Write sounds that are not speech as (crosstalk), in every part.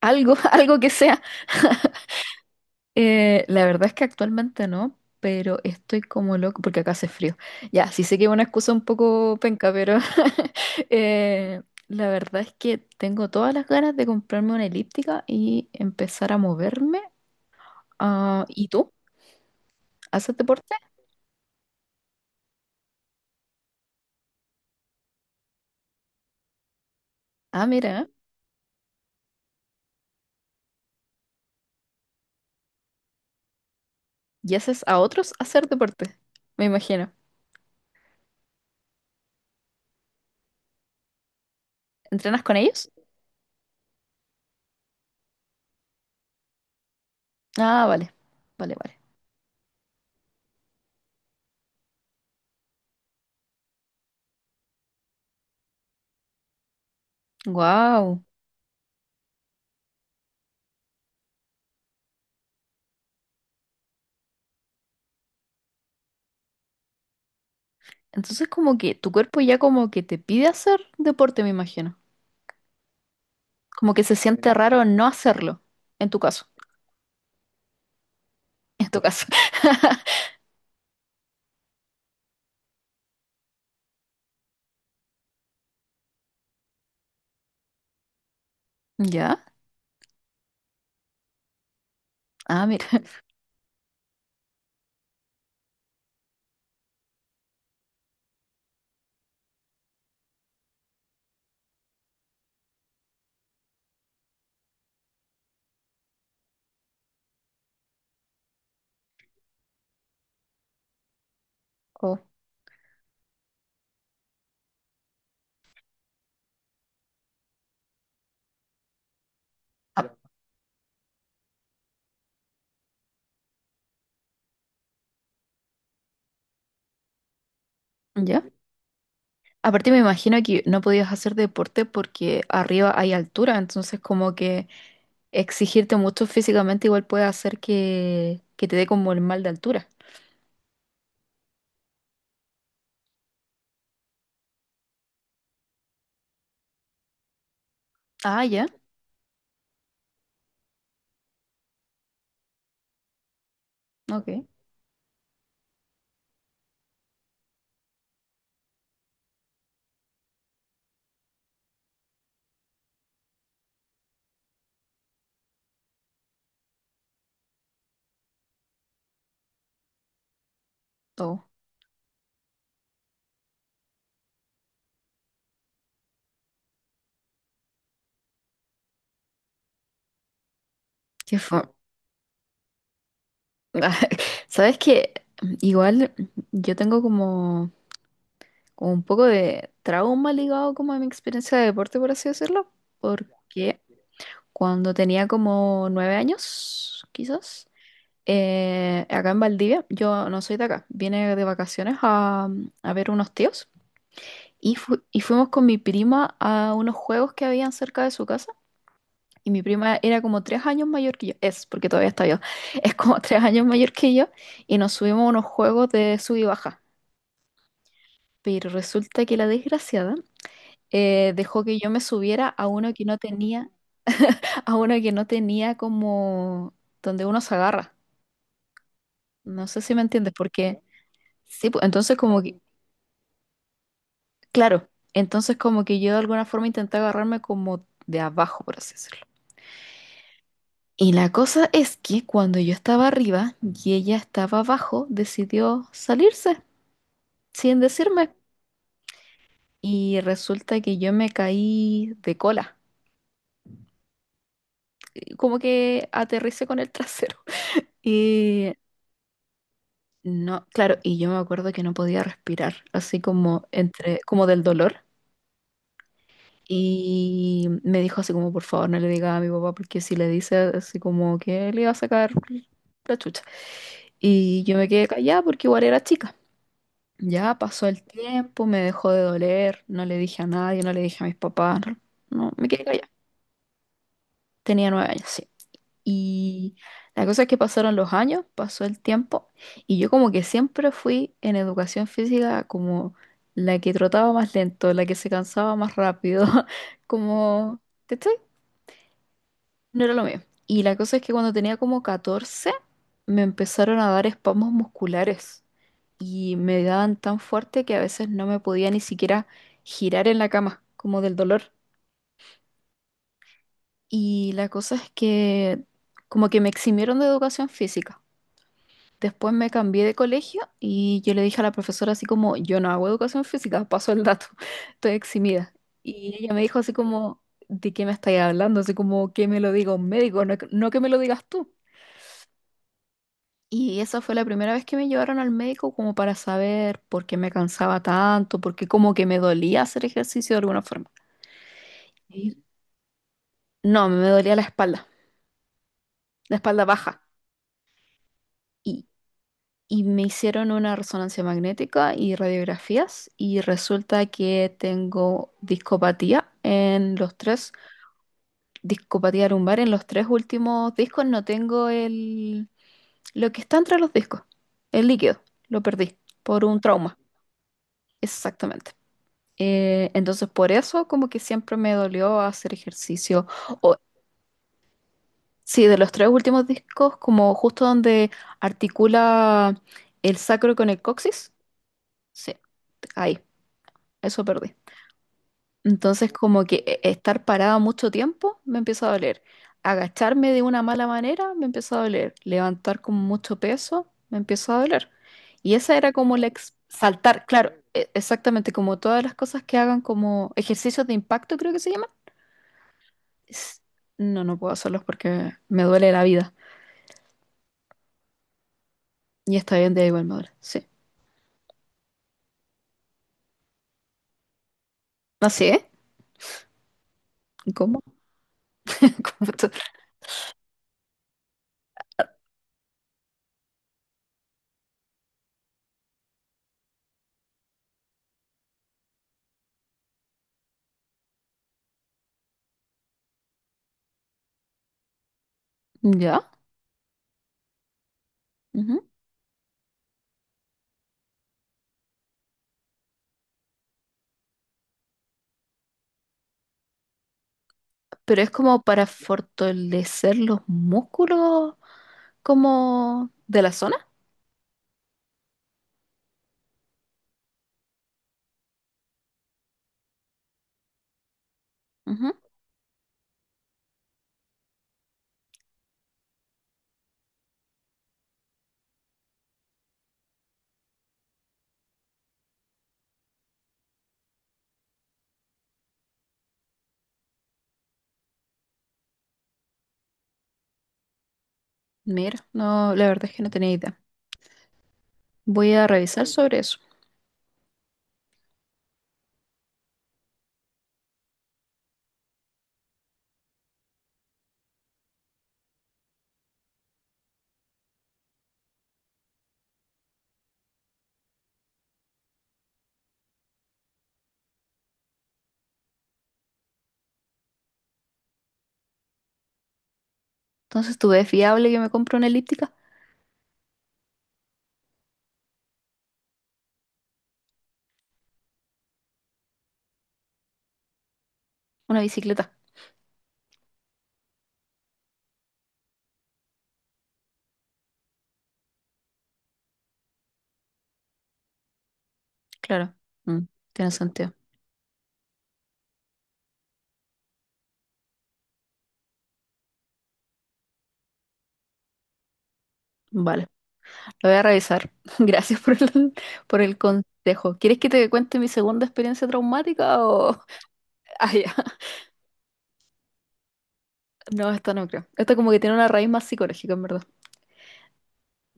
Algo, (laughs) algo que sea. La verdad es que actualmente no, pero estoy como loco porque acá hace frío. Ya, sí sé que es una excusa un poco penca, pero (laughs) eh, la verdad es que tengo todas las ganas de comprarme una elíptica y empezar a moverme. Ah, ¿y tú? ¿Haces deporte? Ah, mira, ¿eh? ¿Y haces a otros hacer deporte? Me imagino. ¿Entrenas con ellos? Ah, vale, vale, vale. Wow. Entonces como que tu cuerpo ya como que te pide hacer deporte, me imagino. Como que se siente raro no hacerlo, en tu caso, (laughs) en tu caso. (laughs) ¿Ya? Ah, mira. (laughs) Oh. Ah, ¿ya? Aparte me imagino que no podías hacer deporte porque arriba hay altura, entonces como que exigirte mucho físicamente igual puede hacer que te dé como el mal de altura. Ah, ya, ok. Oh, qué fue. (laughs) Sabes que igual yo tengo como, como un poco de trauma ligado como a mi experiencia de deporte, por así decirlo, porque cuando tenía como 9 años, quizás, acá en Valdivia, yo no soy de acá, vine de vacaciones a ver unos tíos y, y fuimos con mi prima a unos juegos que habían cerca de su casa. Y mi prima era como 3 años mayor que yo, es, porque todavía está yo, (laughs) es como 3 años mayor que yo, y nos subimos a unos juegos de sub y baja. Pero resulta que la desgraciada dejó que yo me subiera a uno que no tenía, (laughs) a uno que no tenía como donde uno se agarra. No sé si me entiendes, porque sí, pues, entonces como que, claro, entonces como que yo de alguna forma intenté agarrarme como de abajo, por así decirlo. Y la cosa es que cuando yo estaba arriba y ella estaba abajo, decidió salirse sin decirme. Y resulta que yo me caí de cola. Como que aterricé con el trasero. (laughs) Y no, claro, y yo me acuerdo que no podía respirar, así como entre, como del dolor. Y me dijo así como, por favor, no le diga a mi papá, porque si le dice así como que le iba a sacar la chucha. Y yo me quedé callada porque igual era chica. Ya pasó el tiempo, me dejó de doler, no le dije a nadie, no le dije a mis papás, no, no, me quedé callada. Tenía 9 años, sí. Y la cosa es que pasaron los años, pasó el tiempo, y yo como que siempre fui en educación física como la que trotaba más lento, la que se cansaba más rápido, (laughs) como, ¿cachai? No era lo mío. Y la cosa es que cuando tenía como 14 me empezaron a dar espasmos musculares y me daban tan fuerte que a veces no me podía ni siquiera girar en la cama, como del dolor. Y la cosa es que como que me eximieron de educación física. Después me cambié de colegio y yo le dije a la profesora así como, yo no hago educación física, (laughs) paso el dato, (laughs) estoy eximida. Y ella me dijo así como, ¿de qué me estáis hablando? Así como, ¿que me lo diga un médico? No, que no, que me lo digas tú. Y esa fue la primera vez que me llevaron al médico como para saber por qué me cansaba tanto, por qué como que me dolía hacer ejercicio de alguna forma. Y- No, me dolía la espalda baja. Y me hicieron una resonancia magnética y radiografías y resulta que tengo discopatía en los tres, discopatía lumbar en los tres últimos discos, no tengo el, lo que está entre los discos, el líquido, lo perdí por un trauma, exactamente. Entonces por eso como que siempre me dolió hacer ejercicio, o sí, de los tres últimos discos, como justo donde articula el sacro con el coxis, sí, ahí. Eso perdí. Entonces, como que estar parada mucho tiempo me empieza a doler. Agacharme de una mala manera me empieza a doler. Levantar con mucho peso me empieza a doler. Y esa era como la saltar, claro, exactamente como todas las cosas que hagan como ejercicios de impacto, creo que se llama. Es- No, no puedo hacerlos porque me duele la vida. Y está bien, de igual me duele. Sí. Así, ¿eh? ¿Cómo? (laughs) ¿Cómo esto? Ya. Ujú. Pero es como para fortalecer los músculos como de la zona. Ujú. Mira, no, la verdad es que no tenía idea. Voy a revisar sobre eso. Entonces, ¿tú ves fiable que me compre una elíptica? Una bicicleta. Claro. Mm, tiene sentido. Vale, lo voy a revisar. (laughs) Gracias por el consejo. ¿Quieres que te cuente mi segunda experiencia traumática o...? (laughs) Ah, ya. No, esta no creo. Esta como que tiene una raíz más psicológica, en verdad.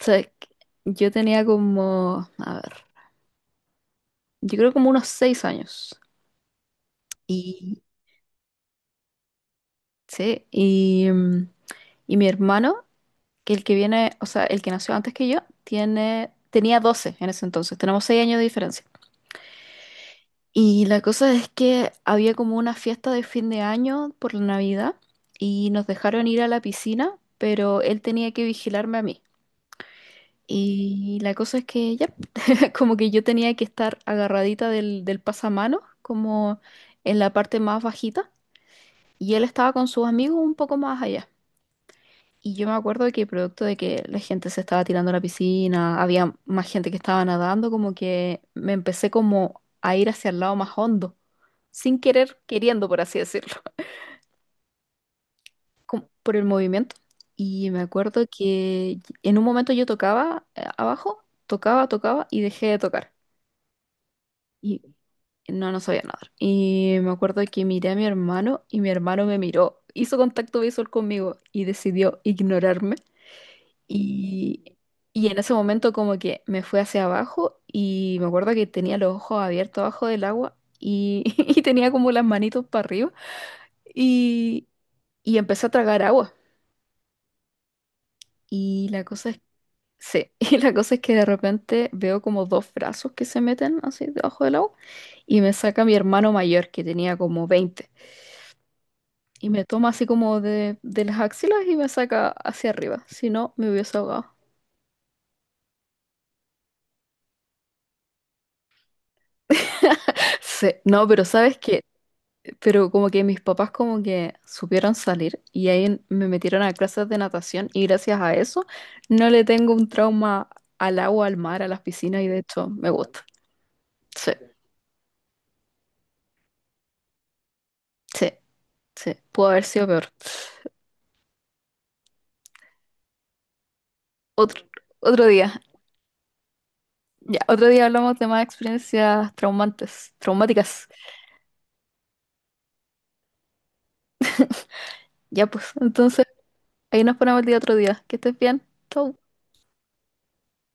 O sea, que yo tenía como... A ver. Yo creo como unos 6 años. Y... Sí, y mi hermano, que el que viene, o sea, el que nació antes que yo, tenía 12 en ese entonces. Tenemos 6 años de diferencia. Y la cosa es que había como una fiesta de fin de año por la Navidad y nos dejaron ir a la piscina, pero él tenía que vigilarme a mí. Y la cosa es que ya, (laughs) como que yo tenía que estar agarradita del pasamanos, como en la parte más bajita, y él estaba con sus amigos un poco más allá. Y yo me acuerdo que producto de que la gente se estaba tirando a la piscina, había más gente que estaba nadando, como que me empecé como a ir hacia el lado más hondo, sin querer, queriendo, por así decirlo, (laughs) como por el movimiento. Y me acuerdo que en un momento yo tocaba abajo, tocaba, tocaba y dejé de tocar. Y no, no sabía nadar. Y me acuerdo que miré a mi hermano y mi hermano me miró, hizo contacto visual conmigo y decidió ignorarme. Y, y en ese momento como que me fui hacia abajo y me acuerdo que tenía los ojos abiertos abajo del agua y, (laughs) y tenía como las manitos para arriba y, y empecé a tragar agua. Y la cosa es, sí, (laughs) y la cosa es que de repente veo como dos brazos que se meten así debajo del agua y me saca mi hermano mayor que tenía como 20 y me toma así como de las axilas y me saca hacia arriba. Si no, me hubiese ahogado. (laughs) Sí, no, pero ¿sabes qué? Pero como que mis papás como que supieron salir y ahí me metieron a clases de natación y gracias a eso no le tengo un trauma al agua, al mar, a las piscinas y de hecho me gusta. Sí, sí, sí. Pudo haber sido peor. Otro, otro día, ya, otro día hablamos de más experiencias traumantes, traumáticas. Ya pues, entonces ahí nos ponemos el día otro día. Que estés bien. Chau.